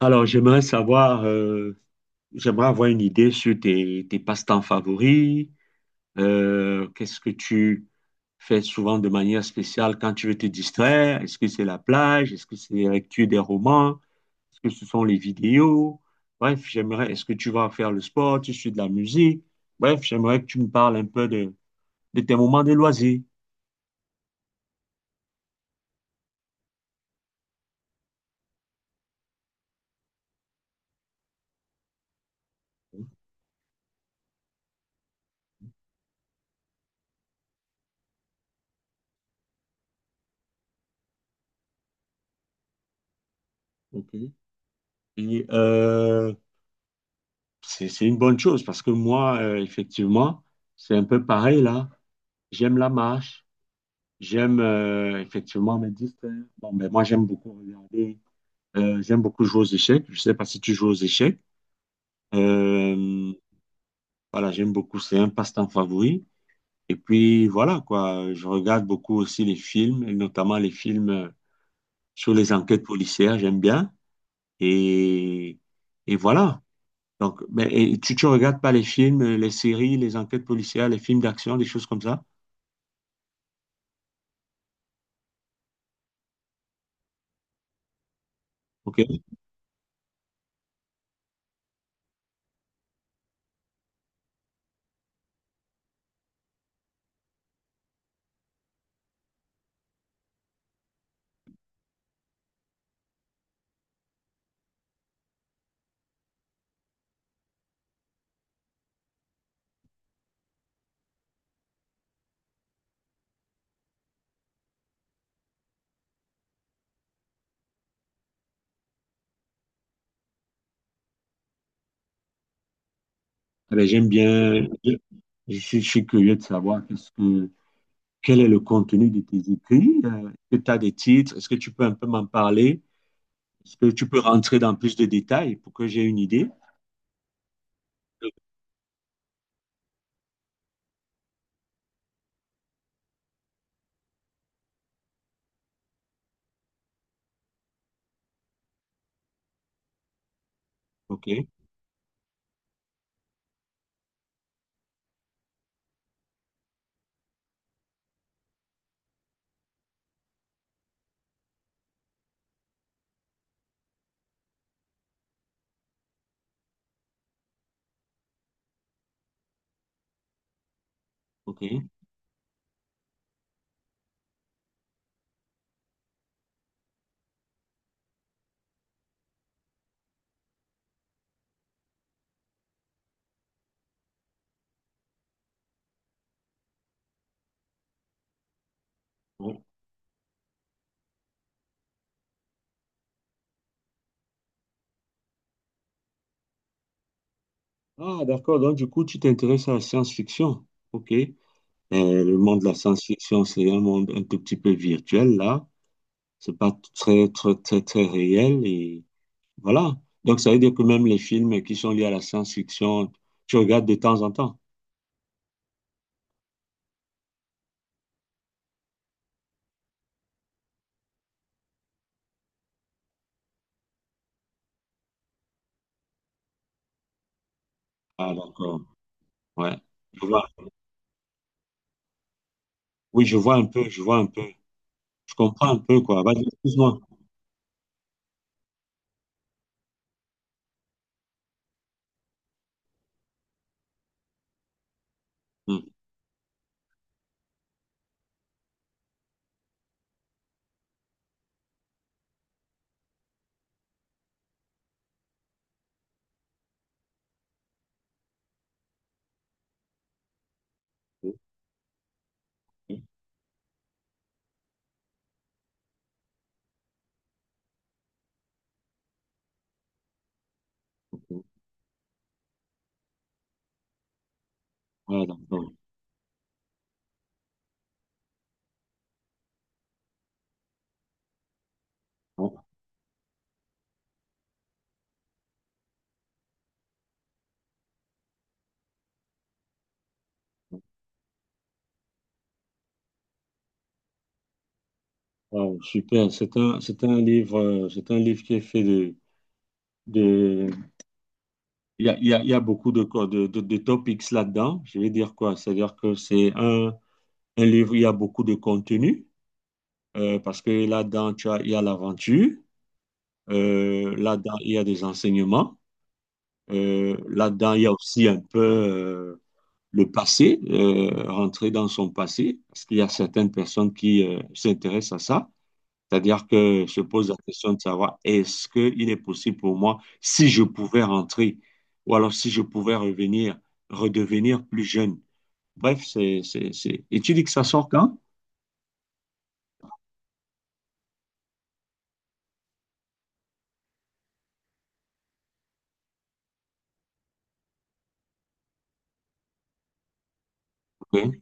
Alors, j'aimerais savoir, j'aimerais avoir une idée sur tes passe-temps favoris. Qu'est-ce que tu fais souvent de manière spéciale quand tu veux te distraire? Est-ce que c'est la plage? Est-ce que c'est la lecture des romans? Est-ce que ce sont les vidéos? Bref, j'aimerais, est-ce que tu vas faire le sport? Tu suis de la musique? Bref, j'aimerais que tu me parles un peu de tes moments de loisirs. Ok. Et c'est une bonne chose parce que moi, effectivement, c'est un peu pareil là. J'aime la marche, j'aime effectivement me distraire. Bon, ben moi j'aime beaucoup regarder, j'aime beaucoup jouer aux échecs. Je sais pas si tu joues aux échecs. Euh, voilà, j'aime beaucoup, c'est un passe-temps favori. Et puis voilà quoi, je regarde beaucoup aussi les films, et notamment les films sur les enquêtes policières, j'aime bien. Et, et voilà. Donc, ben, et tu regardes pas les films, les séries, les enquêtes policières, les films d'action, des choses comme ça? Ok. Eh bien, je suis curieux de savoir qu'est-ce que, quel est le contenu de tes écrits. Est-ce que tu as des titres? Est-ce que tu peux un peu m'en parler? Est-ce que tu peux rentrer dans plus de détails pour que j'ai une idée? Ok, ok. Bon. Ah, d'accord. Donc, du coup, tu t'intéresses à la science-fiction. Ok. Le monde de la science-fiction, c'est un monde un tout petit peu virtuel, là. C'est pas très, très, très, très réel. Et voilà. Donc, ça veut dire que même les films qui sont liés à la science-fiction, tu regardes de temps en temps. Ah, d'accord. Ouais. Je vois. Oui, je vois un peu, je vois un peu. Je comprends un peu, quoi. Vas-y, excuse-moi. Hum. Ouais, d'accord. Bon. Wow, super. C'est un livre qui est fait de, il y a beaucoup de, co- de topics là-dedans. Je vais dire quoi? C'est-à-dire que un livre, il y a beaucoup de contenu, parce que là-dedans, il y a l'aventure, là-dedans, il y a des enseignements, là-dedans, il y a aussi un peu, le passé, rentrer dans son passé, parce qu'il y a certaines personnes qui s'intéressent à ça, c'est-à-dire que se pose la question de savoir est-ce qu'il est possible pour moi, si je pouvais rentrer, ou alors si je pouvais revenir, redevenir plus jeune. Bref, c'est... Et tu dis que ça sort quand? Ok,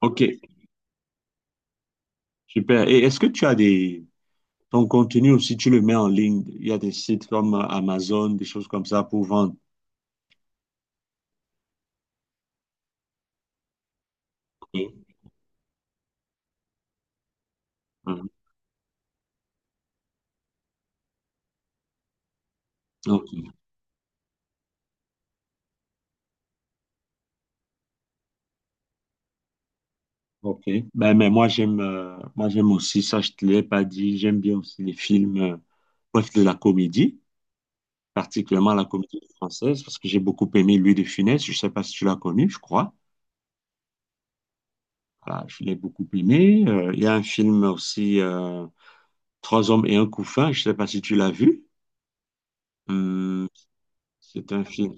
Ok, super. Et est-ce que tu as des... Ton contenu aussi, tu le mets en ligne. Il y a des sites comme Amazon, des choses comme ça pour vendre. Ok. Mhm. Ok. Ok. Ben, mais moi, j'aime aussi, ça, je te l'ai pas dit, j'aime bien aussi les films, bref, de la comédie, particulièrement la comédie française, parce que j'ai beaucoup aimé Louis de Funès. Je sais pas si tu l'as connu, je crois. Voilà, je l'ai beaucoup aimé. Il y a un film aussi, Trois hommes et un couffin, je sais pas si tu l'as vu. Hum, c'est un film.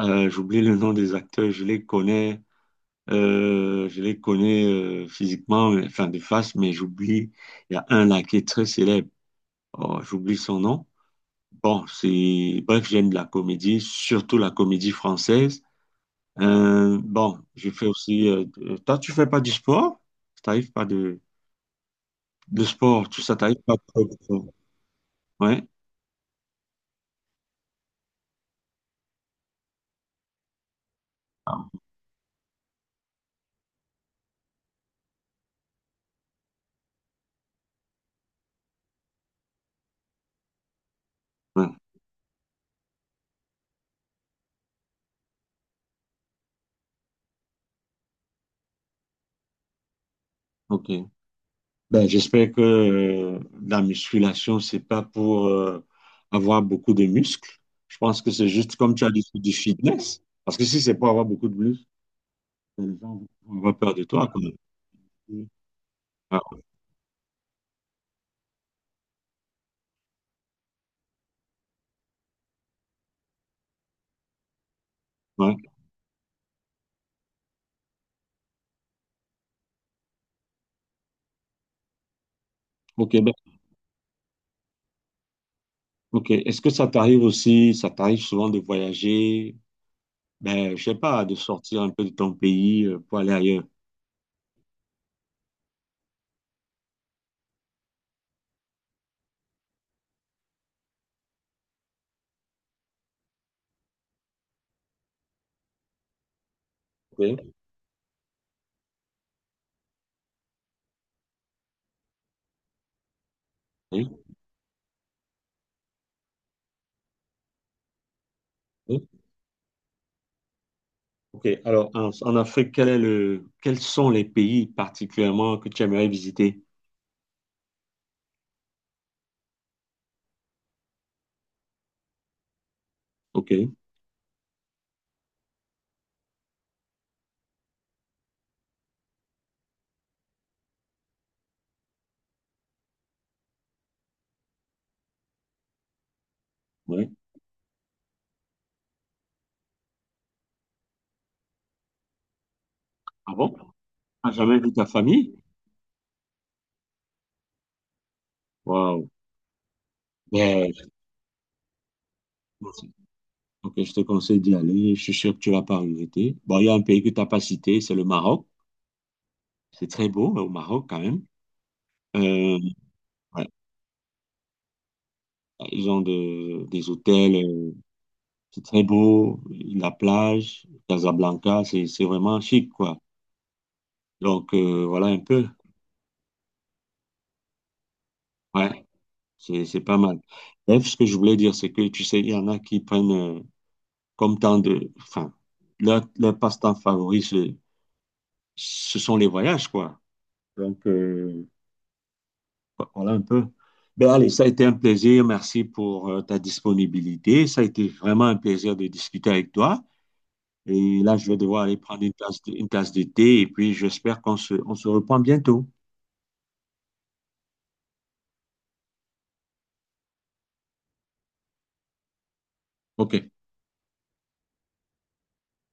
J'oublie le nom des acteurs, je les connais. Je les connais physiquement, mais- enfin de face, mais j'oublie. Il y a un là qui est très célèbre. Oh, j'oublie son nom. Bon, c'est... Bref, j'aime la comédie, surtout la comédie française. Bon, je fais aussi... toi, tu fais pas du sport? T'arrives pas de... de sport, tout ça, t'arrives pas de... Ouais, ouais, ok. Ben, j'espère que la musculation, c'est pas pour avoir beaucoup de muscles. Je pense que c'est juste comme tu as dit, c'est du fitness. Parce que si c'est pour avoir beaucoup de muscles, les gens vont avoir peur de toi quand même. Ah, ouais. Ok, ben, ok. Est-ce que ça t'arrive aussi, ça t'arrive souvent de voyager, ben, je sais pas, de sortir un peu de ton pays pour aller ailleurs? Ok. Oui, oui. Ok. Alors, en Afrique, quels sont les pays particulièrement que tu aimerais visiter? Ok. Ouais. Ah bon? T'as jamais vu ta famille? Waouh. Ben, je te conseille- ok, je te conseille d'y aller. Je suis sûr que tu vas pas regretter. Bon, il y a un pays que t'as pas cité, c'est le Maroc. C'est très beau, au Maroc quand même. Euh, ouais. Ils ont de- des hôtels. C'est très beau, la plage, Casablanca, c'est vraiment chic, quoi. Donc, voilà un peu. Ouais, c'est pas mal. Bref, ce que je voulais dire, c'est que, tu sais, il y en a qui prennent comme temps de... Enfin, leur passe-temps favori, ce sont les voyages, quoi. Donc, voilà un peu. Ben allez, ça a été un plaisir. Merci pour ta disponibilité. Ça a été vraiment un plaisir de discuter avec toi. Et là, je vais devoir aller prendre une tasse une tasse de thé et puis j'espère on se reprend bientôt. Ok.